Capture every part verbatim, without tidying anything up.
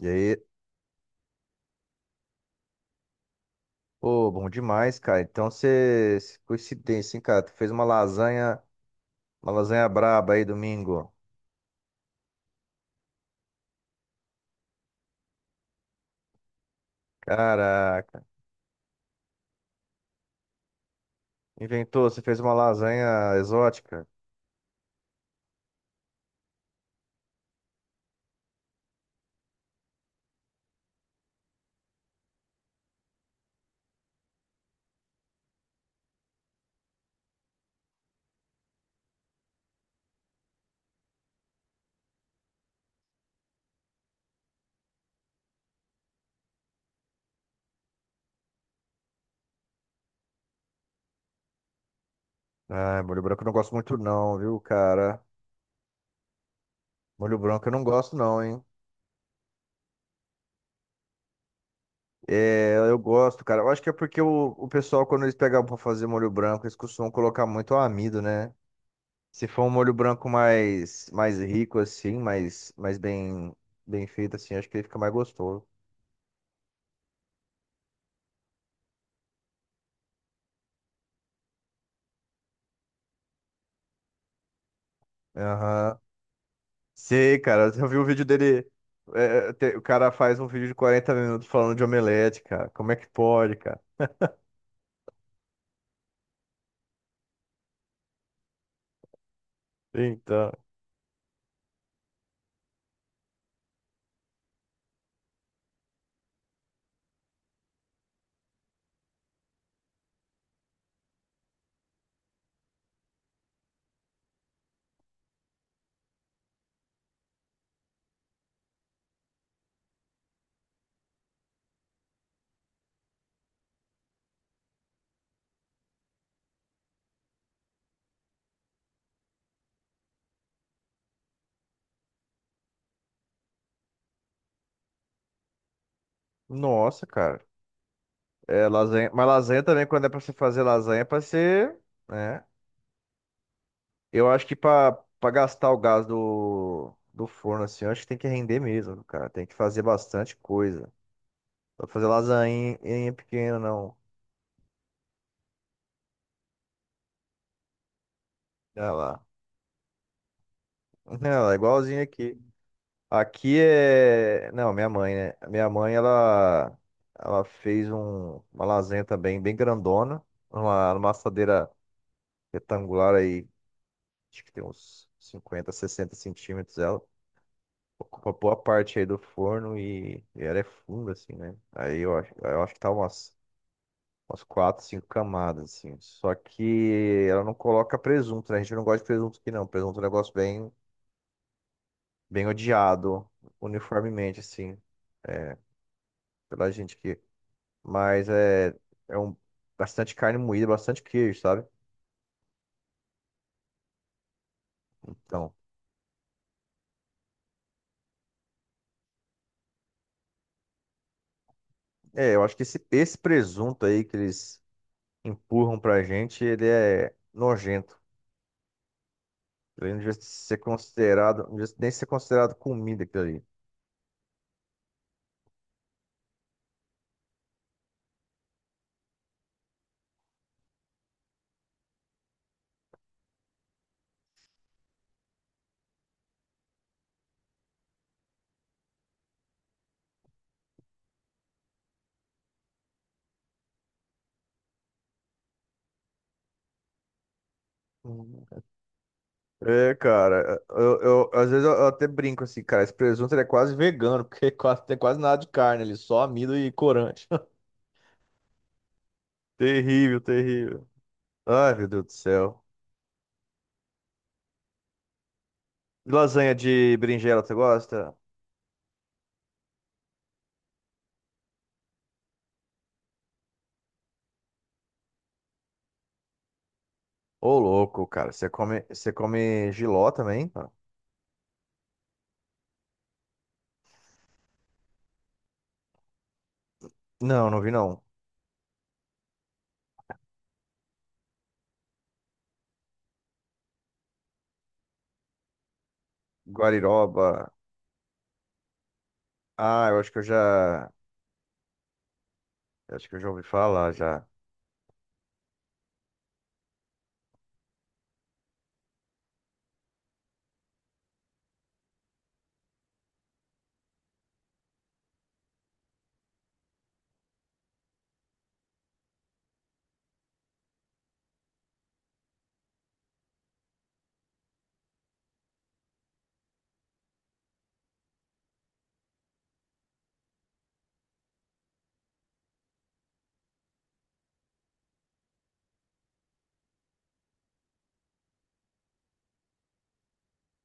E aí, pô, bom demais, cara. Então você, coincidência, hein, cara? Tu fez uma lasanha, uma lasanha braba aí domingo. Caraca, inventou, você fez uma lasanha exótica. Ah, molho branco eu não gosto muito não, viu, cara? Molho branco eu não gosto não, hein? É, eu gosto, cara. Eu acho que é porque o, o pessoal, quando eles pegavam pra fazer molho branco, eles costumam colocar muito amido, né? Se for um molho branco mais, mais rico, assim, mais, mais bem, bem feito, assim, acho que ele fica mais gostoso. Aham. Sei, cara, eu já vi um vídeo dele. É, te- o cara faz um vídeo de quarenta minutos falando de omelete, cara. Como é que pode, cara? Então. Nossa, cara. É, lasanha. Mas lasanha também, quando é pra você fazer lasanha, é pra ser. Né? Eu acho que pra, pra gastar o gás do, do forno, assim, eu acho que tem que render mesmo, cara. Tem que fazer bastante coisa. Pra fazer lasanha em pequena, não. Olha lá. Olha lá, igualzinho aqui. Aqui é. Não, minha mãe, né? Minha mãe, ela, ela fez um... uma lasanha também bem grandona, numa, numa assadeira retangular aí, acho que tem uns cinquenta, sessenta centímetros ela. Ocupa boa parte aí do forno e, e ela é funda, assim, né? Aí eu acho, eu acho que tá umas, umas quatro, cinco camadas, assim. Só que ela não coloca presunto, né? A gente não gosta de presunto aqui, não. Presunto é um negócio bem, bem odiado, uniformemente, assim. É, pela gente que, mas é, é um, bastante carne moída, bastante queijo, sabe? Então, é, eu acho que esse, esse presunto aí que eles empurram pra gente, ele é nojento. Ele não devia ser considerado, não devia nem ser considerado comida aquilo ali. Hum. É, cara, eu, eu- às vezes eu, eu até brinco assim, cara, esse presunto ele é quase vegano, porque quase, tem quase nada de carne ali, só amido e corante. Terrível, terrível. Ai, meu Deus do céu. Lasanha de berinjela, você gosta? Ô, louco, cara. Você come, você come jiló também, cara? Não, não vi não. Guariroba. Ah, eu acho que eu já, eu acho que eu já ouvi falar já.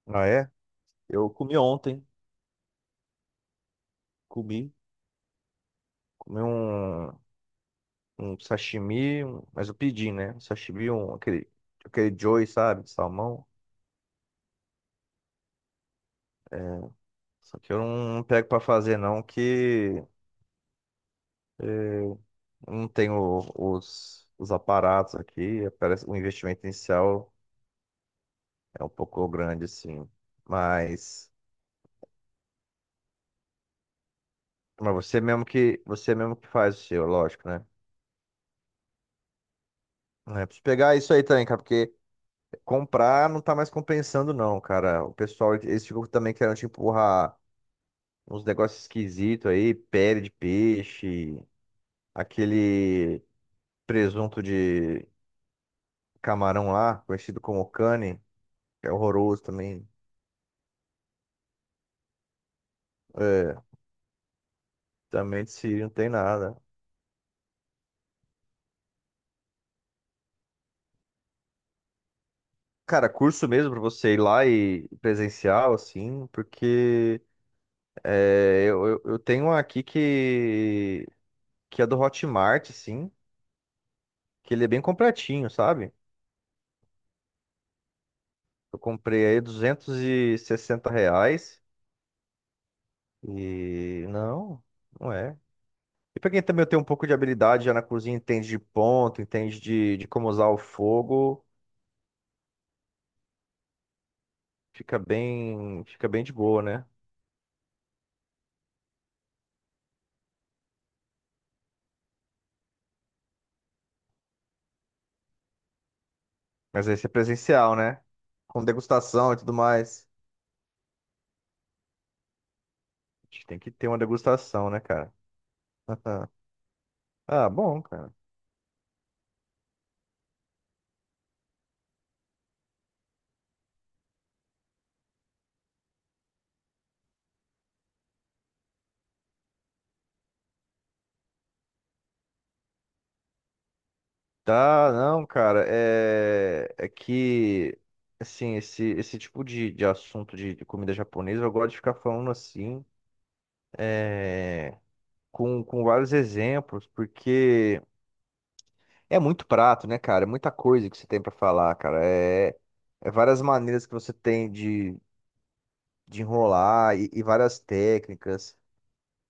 Ah, é? Eu comi ontem. Comi. Comi um, um sashimi, um- mas eu pedi, né? Um sashimi, um, aquele, aquele joy, sabe? De salmão. Só que eu não, não pego pra fazer não, que eh, não tenho os, os aparatos aqui. Parece, o investimento inicial é um pouco grande, assim. Mas... Mas você mesmo que você mesmo que faz o seu, lógico, né? É, preciso pegar isso aí também, cara, porque comprar não tá mais compensando, não, cara. O pessoal, eles ficam também querendo te empurrar uns negócios esquisitos aí, pele de peixe, aquele presunto de camarão lá, conhecido como cane, que é horroroso também. É, também de Siri não tem nada. Cara, curso mesmo pra você ir lá e presencial, assim, porque é, eu, eu eu tenho uma aqui que que é do Hotmart, sim, que ele é bem completinho, sabe? Eu comprei aí duzentos e sessenta reais e não, não é. E pra quem também tem um pouco de habilidade já na cozinha, entende de ponto, entende de, de como usar o fogo, fica bem, fica bem de boa, né? Mas aí é presencial, né? Com degustação e tudo mais. A gente tem que ter uma degustação, né, cara? Ah, bom, cara. Tá, não, cara, é, é que, assim, esse, esse tipo de, de assunto de, de comida japonesa, eu gosto de ficar falando assim, é, com, com vários exemplos, porque é muito prato, né, cara? É muita coisa que você tem pra falar, cara. É, é várias maneiras que você tem de, de enrolar e, e várias técnicas.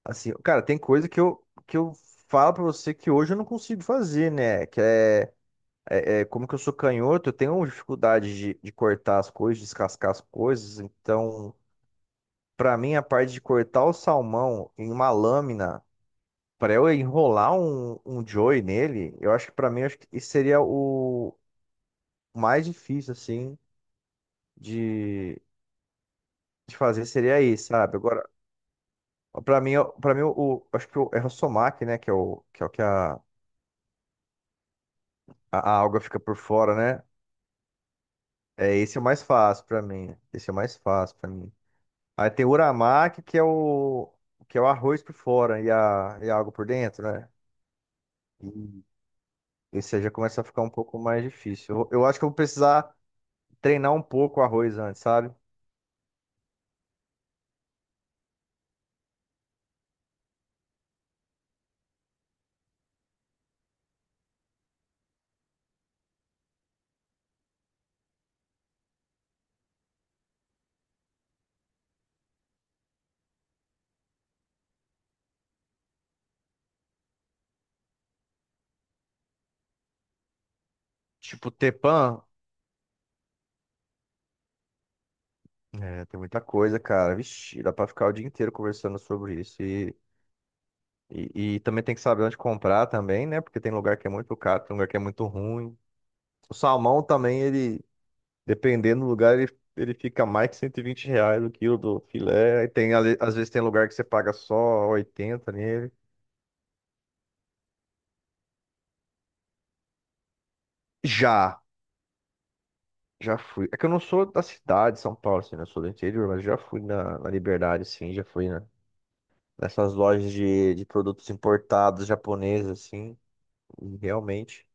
Assim, cara, tem coisa que eu, que eu falo pra você que hoje eu não consigo fazer, né? Que é É, como que eu sou canhoto, eu tenho dificuldade de, de cortar as coisas, descascar as coisas. Então, para mim, a parte de cortar o salmão em uma lâmina, para eu enrolar um, um joey nele, eu acho que para mim, eu acho que isso seria o mais difícil, assim, de, de fazer, seria isso, sabe? Agora, para mim, para mim, o, acho que o, é o somac, né, que é o que, é o que a, a, a alga fica por fora, né? É, esse é o mais fácil para mim. Esse é o mais fácil para mim. Aí tem o uramaki, que é o, que é o arroz por fora e a, e a água por dentro, né? E esse aí já começa a ficar um pouco mais difícil. Eu, eu acho que eu vou precisar treinar um pouco o arroz antes, sabe? Tipo, tepan, é, tem muita coisa, cara. Vixe, dá pra ficar o dia inteiro conversando sobre isso. E, e, e também tem que saber onde comprar também, né? Porque tem lugar que é muito caro, tem lugar que é muito ruim. O salmão também, ele dependendo do lugar, ele, ele fica mais que cento e vinte reais o quilo do filé. Aí tem, ali- às vezes tem lugar que você paga só oitenta. nele. Já, já fui. É que eu não sou da cidade, de São Paulo, assim, né? Eu sou do interior, mas já fui na, na Liberdade, sim, já fui, né? Nessas lojas de, de produtos importados japoneses, assim, e realmente.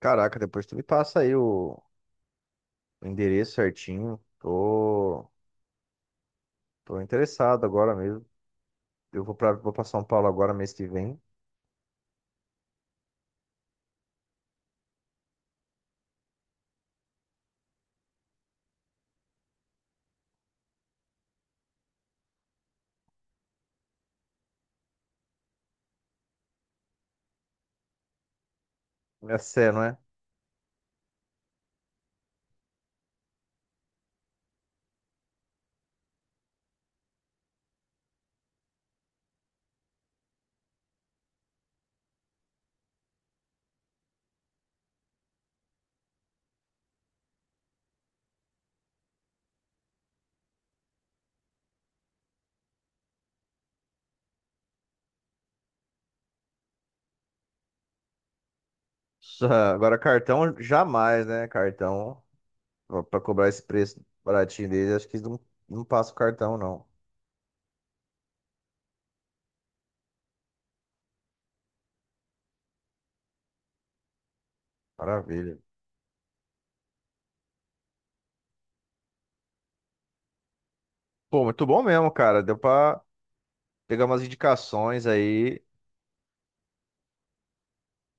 Caraca, depois tu me passa aí o, o endereço certinho. Tô, tô interessado agora mesmo. Eu vou pra, vou pra São Paulo agora, mês que vem. É sério, não é? Já- Agora, cartão jamais, né? Cartão, pra pra cobrar esse preço baratinho dele, acho que eles não, não passa o cartão, não. Maravilha. Pô, muito bom mesmo, cara. Deu pra pegar umas indicações aí.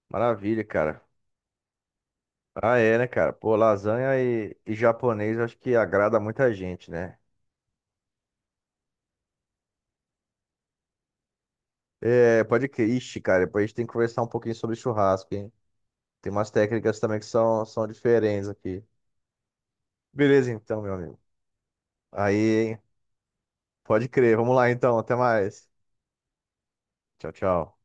Maravilha, cara. Ah, é, né, cara? Pô, lasanha e, e japonês acho que agrada muita gente, né? É, pode que. Ixi, cara, depois a gente tem que conversar um pouquinho sobre churrasco, hein? Tem umas técnicas também que são, são diferentes aqui. Beleza, então, meu amigo. Aí, hein? Pode crer. Vamos lá, então. Até mais. Tchau, tchau.